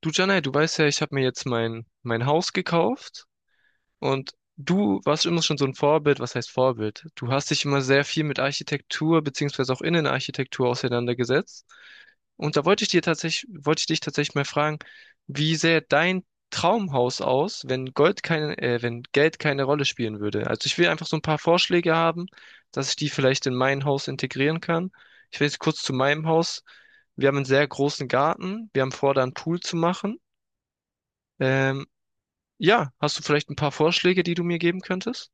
Du, Janai, du weißt ja, ich habe mir jetzt mein Haus gekauft und du warst immer schon so ein Vorbild. Was heißt Vorbild? Du hast dich immer sehr viel mit Architektur beziehungsweise auch Innenarchitektur auseinandergesetzt. Und da wollte ich dir tatsächlich, wollte ich dich tatsächlich mal fragen, wie sähe dein Traumhaus aus, wenn Geld keine Rolle spielen würde? Also ich will einfach so ein paar Vorschläge haben, dass ich die vielleicht in mein Haus integrieren kann. Ich will jetzt kurz zu meinem Haus. Wir haben einen sehr großen Garten. Wir haben vor, da einen Pool zu machen. Ähm, ja, hast du vielleicht ein paar Vorschläge, die du mir geben könntest?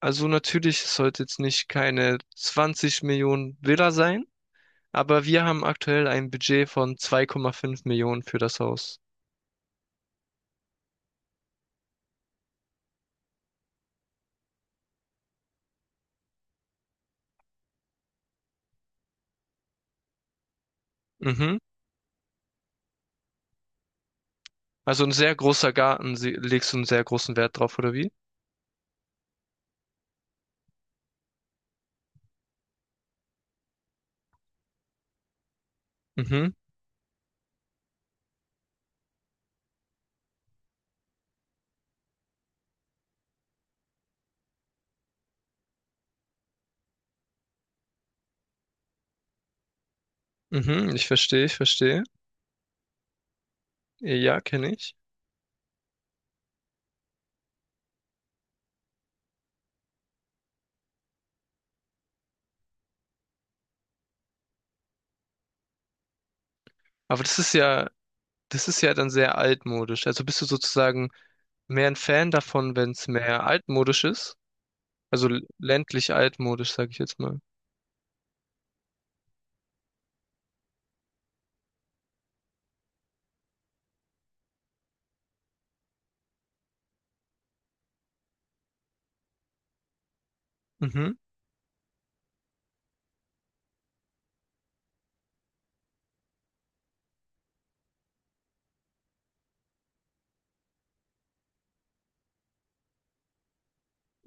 Also natürlich, es sollte jetzt nicht keine 20 Millionen Villa sein, aber wir haben aktuell ein Budget von 2,5 Millionen für das Haus. Mhm. Also ein sehr großer Garten, legst du einen sehr großen Wert drauf, oder wie? Mhm, mhm, ich verstehe, ich verstehe. Ja, kenne ich. Aber das ist ja dann sehr altmodisch. Also bist du sozusagen mehr ein Fan davon, wenn es mehr altmodisch ist? Also ländlich altmodisch, sage ich jetzt mal. Mhm.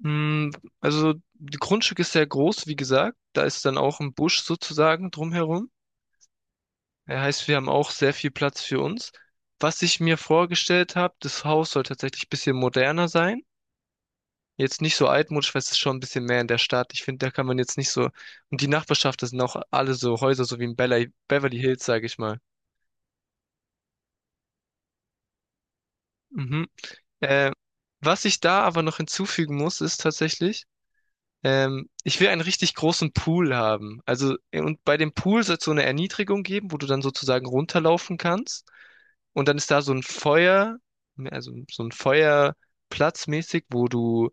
Mm, Also, das Grundstück ist sehr groß, wie gesagt. Da ist dann auch ein Busch sozusagen drumherum. Das heißt, wir haben auch sehr viel Platz für uns. Was ich mir vorgestellt habe, das Haus soll tatsächlich ein bisschen moderner sein. Jetzt nicht so altmodisch, weil es ist schon ein bisschen mehr in der Stadt. Ich finde, da kann man jetzt nicht so. Und die Nachbarschaft, das sind auch alle so Häuser, so wie in Beverly Hills, sage ich mal. Mhm. Äh, was ich da aber noch hinzufügen muss, ist tatsächlich, ich will einen richtig großen Pool haben. Also, und bei dem Pool soll es so eine Erniedrigung geben, wo du dann sozusagen runterlaufen kannst. Und dann ist da so ein Feuer, also so ein Feuerplatz mäßig, wo du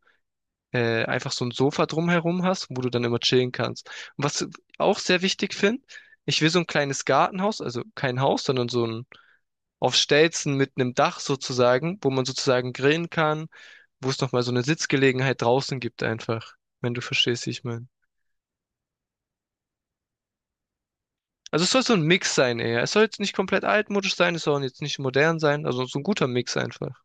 einfach so ein Sofa drumherum hast, wo du dann immer chillen kannst. Und was ich auch sehr wichtig finde, ich will so ein kleines Gartenhaus, also kein Haus, sondern so ein auf Stelzen mit einem Dach sozusagen, wo man sozusagen grillen kann, wo es nochmal so eine Sitzgelegenheit draußen gibt einfach, wenn du verstehst, wie ich meine. Also es soll so ein Mix sein eher. Es soll jetzt nicht komplett altmodisch sein, es soll jetzt nicht modern sein, also so ein guter Mix einfach.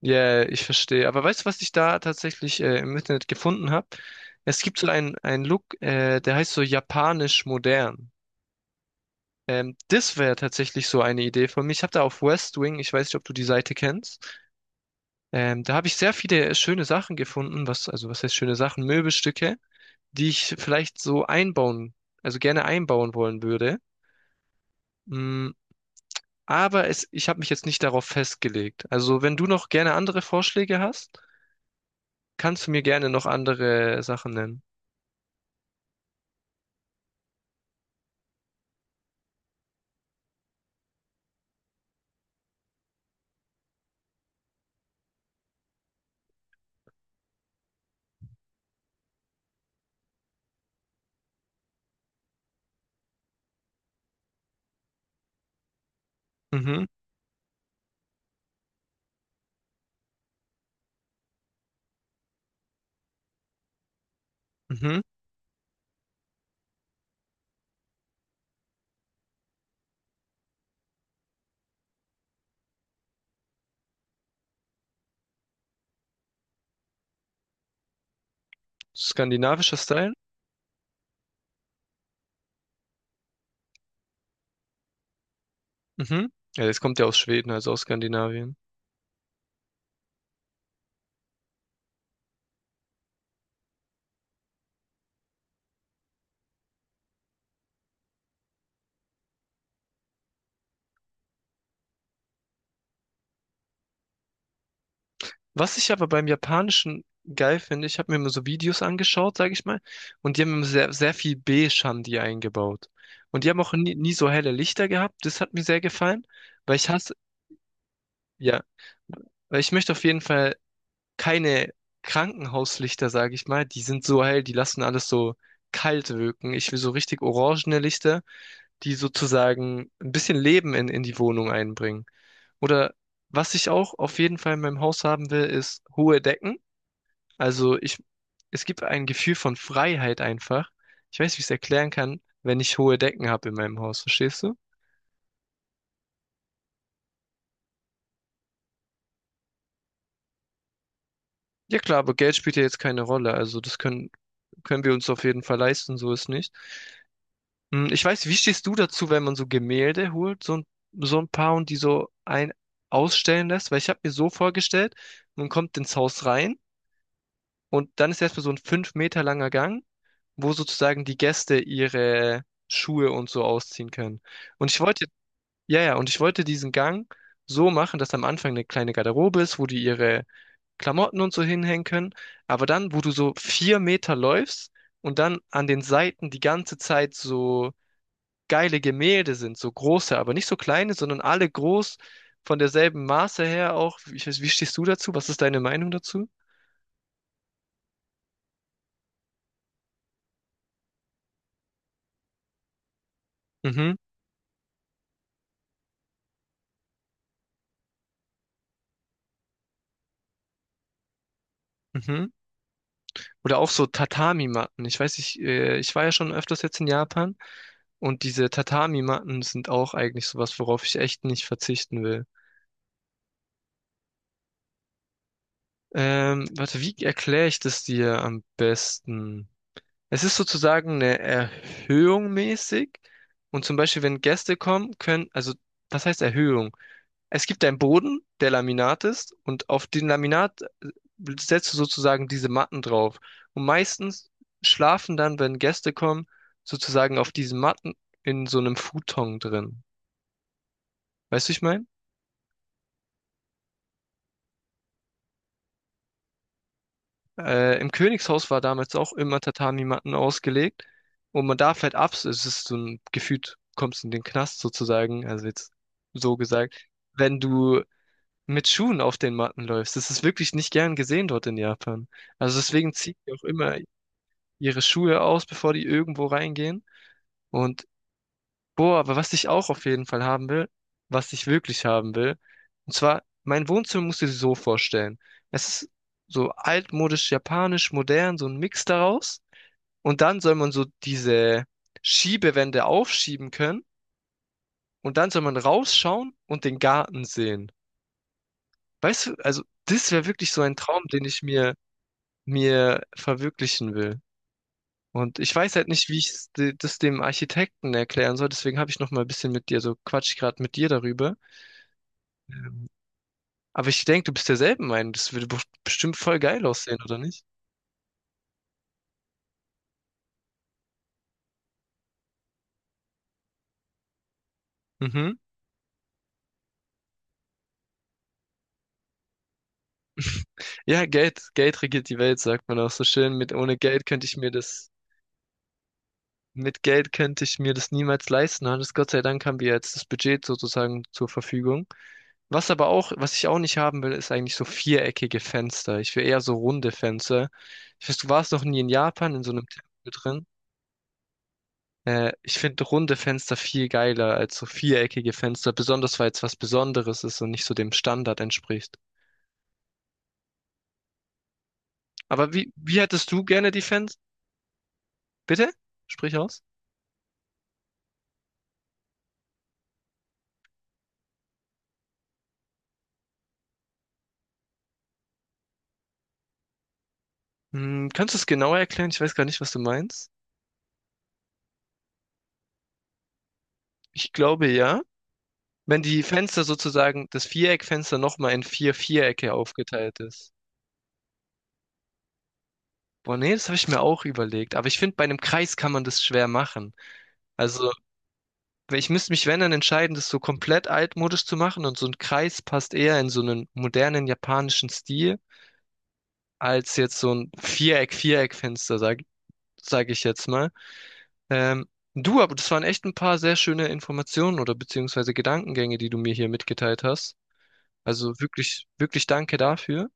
Ja, yeah, ich verstehe. Aber weißt du, was ich da tatsächlich im Internet gefunden habe? Es gibt so einen Look, der heißt so japanisch modern. Das wäre tatsächlich so eine Idee von mir. Ich habe da auf West Wing, ich weiß nicht, ob du die Seite kennst, da habe ich sehr viele schöne Sachen gefunden, was, also was heißt schöne Sachen, Möbelstücke, die ich vielleicht so einbauen, also gerne einbauen wollen würde. Mm, Aber ich habe mich jetzt nicht darauf festgelegt. Also, wenn du noch gerne andere Vorschläge hast, kannst du mir gerne noch andere Sachen nennen. Mhm, mhm. Skandinavischer Style? Mhm. Ja, das kommt ja aus Schweden, also aus Skandinavien. Was ich aber beim Japanischen geil finde, ich habe mir immer so Videos angeschaut, sage ich mal, und die haben immer sehr, sehr viel Beige-Handy eingebaut. Und die haben auch nie, nie so helle Lichter gehabt. Das hat mir sehr gefallen, weil ich hasse, ja, weil ich möchte auf jeden Fall keine Krankenhauslichter, sage ich mal. Die sind so hell, die lassen alles so kalt wirken. Ich will so richtig orangene Lichter, die sozusagen ein bisschen Leben in die Wohnung einbringen. Oder was ich auch auf jeden Fall in meinem Haus haben will, ist hohe Decken. Also ich, es gibt ein Gefühl von Freiheit einfach. Ich weiß, wie ich es erklären kann, wenn ich hohe Decken habe in meinem Haus, verstehst du? Ja klar, aber Geld spielt ja jetzt keine Rolle. Also das können, können wir uns auf jeden Fall leisten, so ist nicht. Ich weiß, wie stehst du dazu, wenn man so Gemälde holt, so ein paar und die so ein ausstellen lässt? Weil ich habe mir so vorgestellt, man kommt ins Haus rein und dann ist erstmal so ein 5 Meter langer Gang, wo sozusagen die Gäste ihre Schuhe und so ausziehen können. Und ich wollte, ja, ja, und ich wollte diesen Gang so machen, dass am Anfang eine kleine Garderobe ist, wo die ihre Klamotten und so hinhängen können. Aber dann, wo du so 4 Meter läufst und dann an den Seiten die ganze Zeit so geile Gemälde sind, so große, aber nicht so kleine, sondern alle groß von derselben Maße her auch. Ich weiß, wie stehst du dazu? Was ist deine Meinung dazu? Mhm, mhm. Oder auch so Tatami-Matten. Ich weiß, ich war ja schon öfters jetzt in Japan und diese Tatami-Matten sind auch eigentlich sowas, worauf ich echt nicht verzichten will. Warte, wie erkläre ich das dir am besten? Es ist sozusagen eine Erhöhung mäßig. Und zum Beispiel, wenn Gäste kommen, können, also das heißt Erhöhung. Es gibt einen Boden, der Laminat ist, und auf den Laminat setzt du sozusagen diese Matten drauf. Und meistens schlafen dann, wenn Gäste kommen, sozusagen auf diesen Matten in so einem Futon drin. Weißt du, ich meine? Im Königshaus war damals auch immer Tatami-Matten ausgelegt. Und man darf halt ab, es ist so ein gefühlt, kommst in den Knast sozusagen, also jetzt so gesagt, wenn du mit Schuhen auf den Matten läufst. Das ist wirklich nicht gern gesehen dort in Japan. Also deswegen ziehen die auch immer ihre Schuhe aus, bevor die irgendwo reingehen. Und boah, aber was ich auch auf jeden Fall haben will, was ich wirklich haben will, und zwar, mein Wohnzimmer musst du dir so vorstellen. Es ist so altmodisch, japanisch, modern, so ein Mix daraus. Und dann soll man so diese Schiebewände aufschieben können. Und dann soll man rausschauen und den Garten sehen. Weißt du, also das wäre wirklich so ein Traum, den ich mir verwirklichen will. Und ich weiß halt nicht, wie ich das dem Architekten erklären soll. Deswegen habe ich noch mal ein bisschen mit dir, so quatsch ich gerade mit dir darüber. Aber ich denke, du bist derselben Meinung. Das würde bestimmt voll geil aussehen, oder nicht? Mhm. Ja, Geld, Geld regiert die Welt, sagt man auch so schön. Ohne Geld könnte ich mir das, mit Geld könnte ich mir das niemals leisten. Und Gott sei Dank haben wir jetzt das Budget sozusagen zur Verfügung. Was aber auch, was ich auch nicht haben will, ist eigentlich so viereckige Fenster. Ich will eher so runde Fenster. Ich weiß, du warst noch nie in Japan in so einem Tempel. Ich finde runde Fenster viel geiler als so viereckige Fenster, besonders weil es was Besonderes ist und nicht so dem Standard entspricht. Aber wie hättest du gerne die Fenster? Bitte? Sprich aus. Kannst du es genauer erklären? Ich weiß gar nicht, was du meinst. Ich glaube ja, wenn die Fenster sozusagen, das Viereckfenster nochmal in vier Vierecke aufgeteilt ist. Boah, nee, das habe ich mir auch überlegt. Aber ich finde, bei einem Kreis kann man das schwer machen. Also weil ich müsste mich, wenn dann entscheiden, das so komplett altmodisch zu machen und so ein Kreis passt eher in so einen modernen japanischen Stil als jetzt so ein Viereckfenster, sag ich jetzt mal. Ähm, Du, aber das waren echt ein paar sehr schöne Informationen oder beziehungsweise Gedankengänge, die du mir hier mitgeteilt hast. Also wirklich, wirklich danke dafür.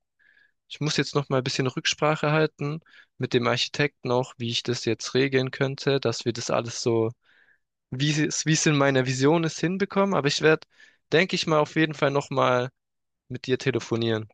Ich muss jetzt noch mal ein bisschen Rücksprache halten mit dem Architekten auch, wie ich das jetzt regeln könnte, dass wir das alles so wie sie es, wie es in meiner Vision ist, hinbekommen. Aber ich werde, denke ich mal, auf jeden Fall nochmal mit dir telefonieren.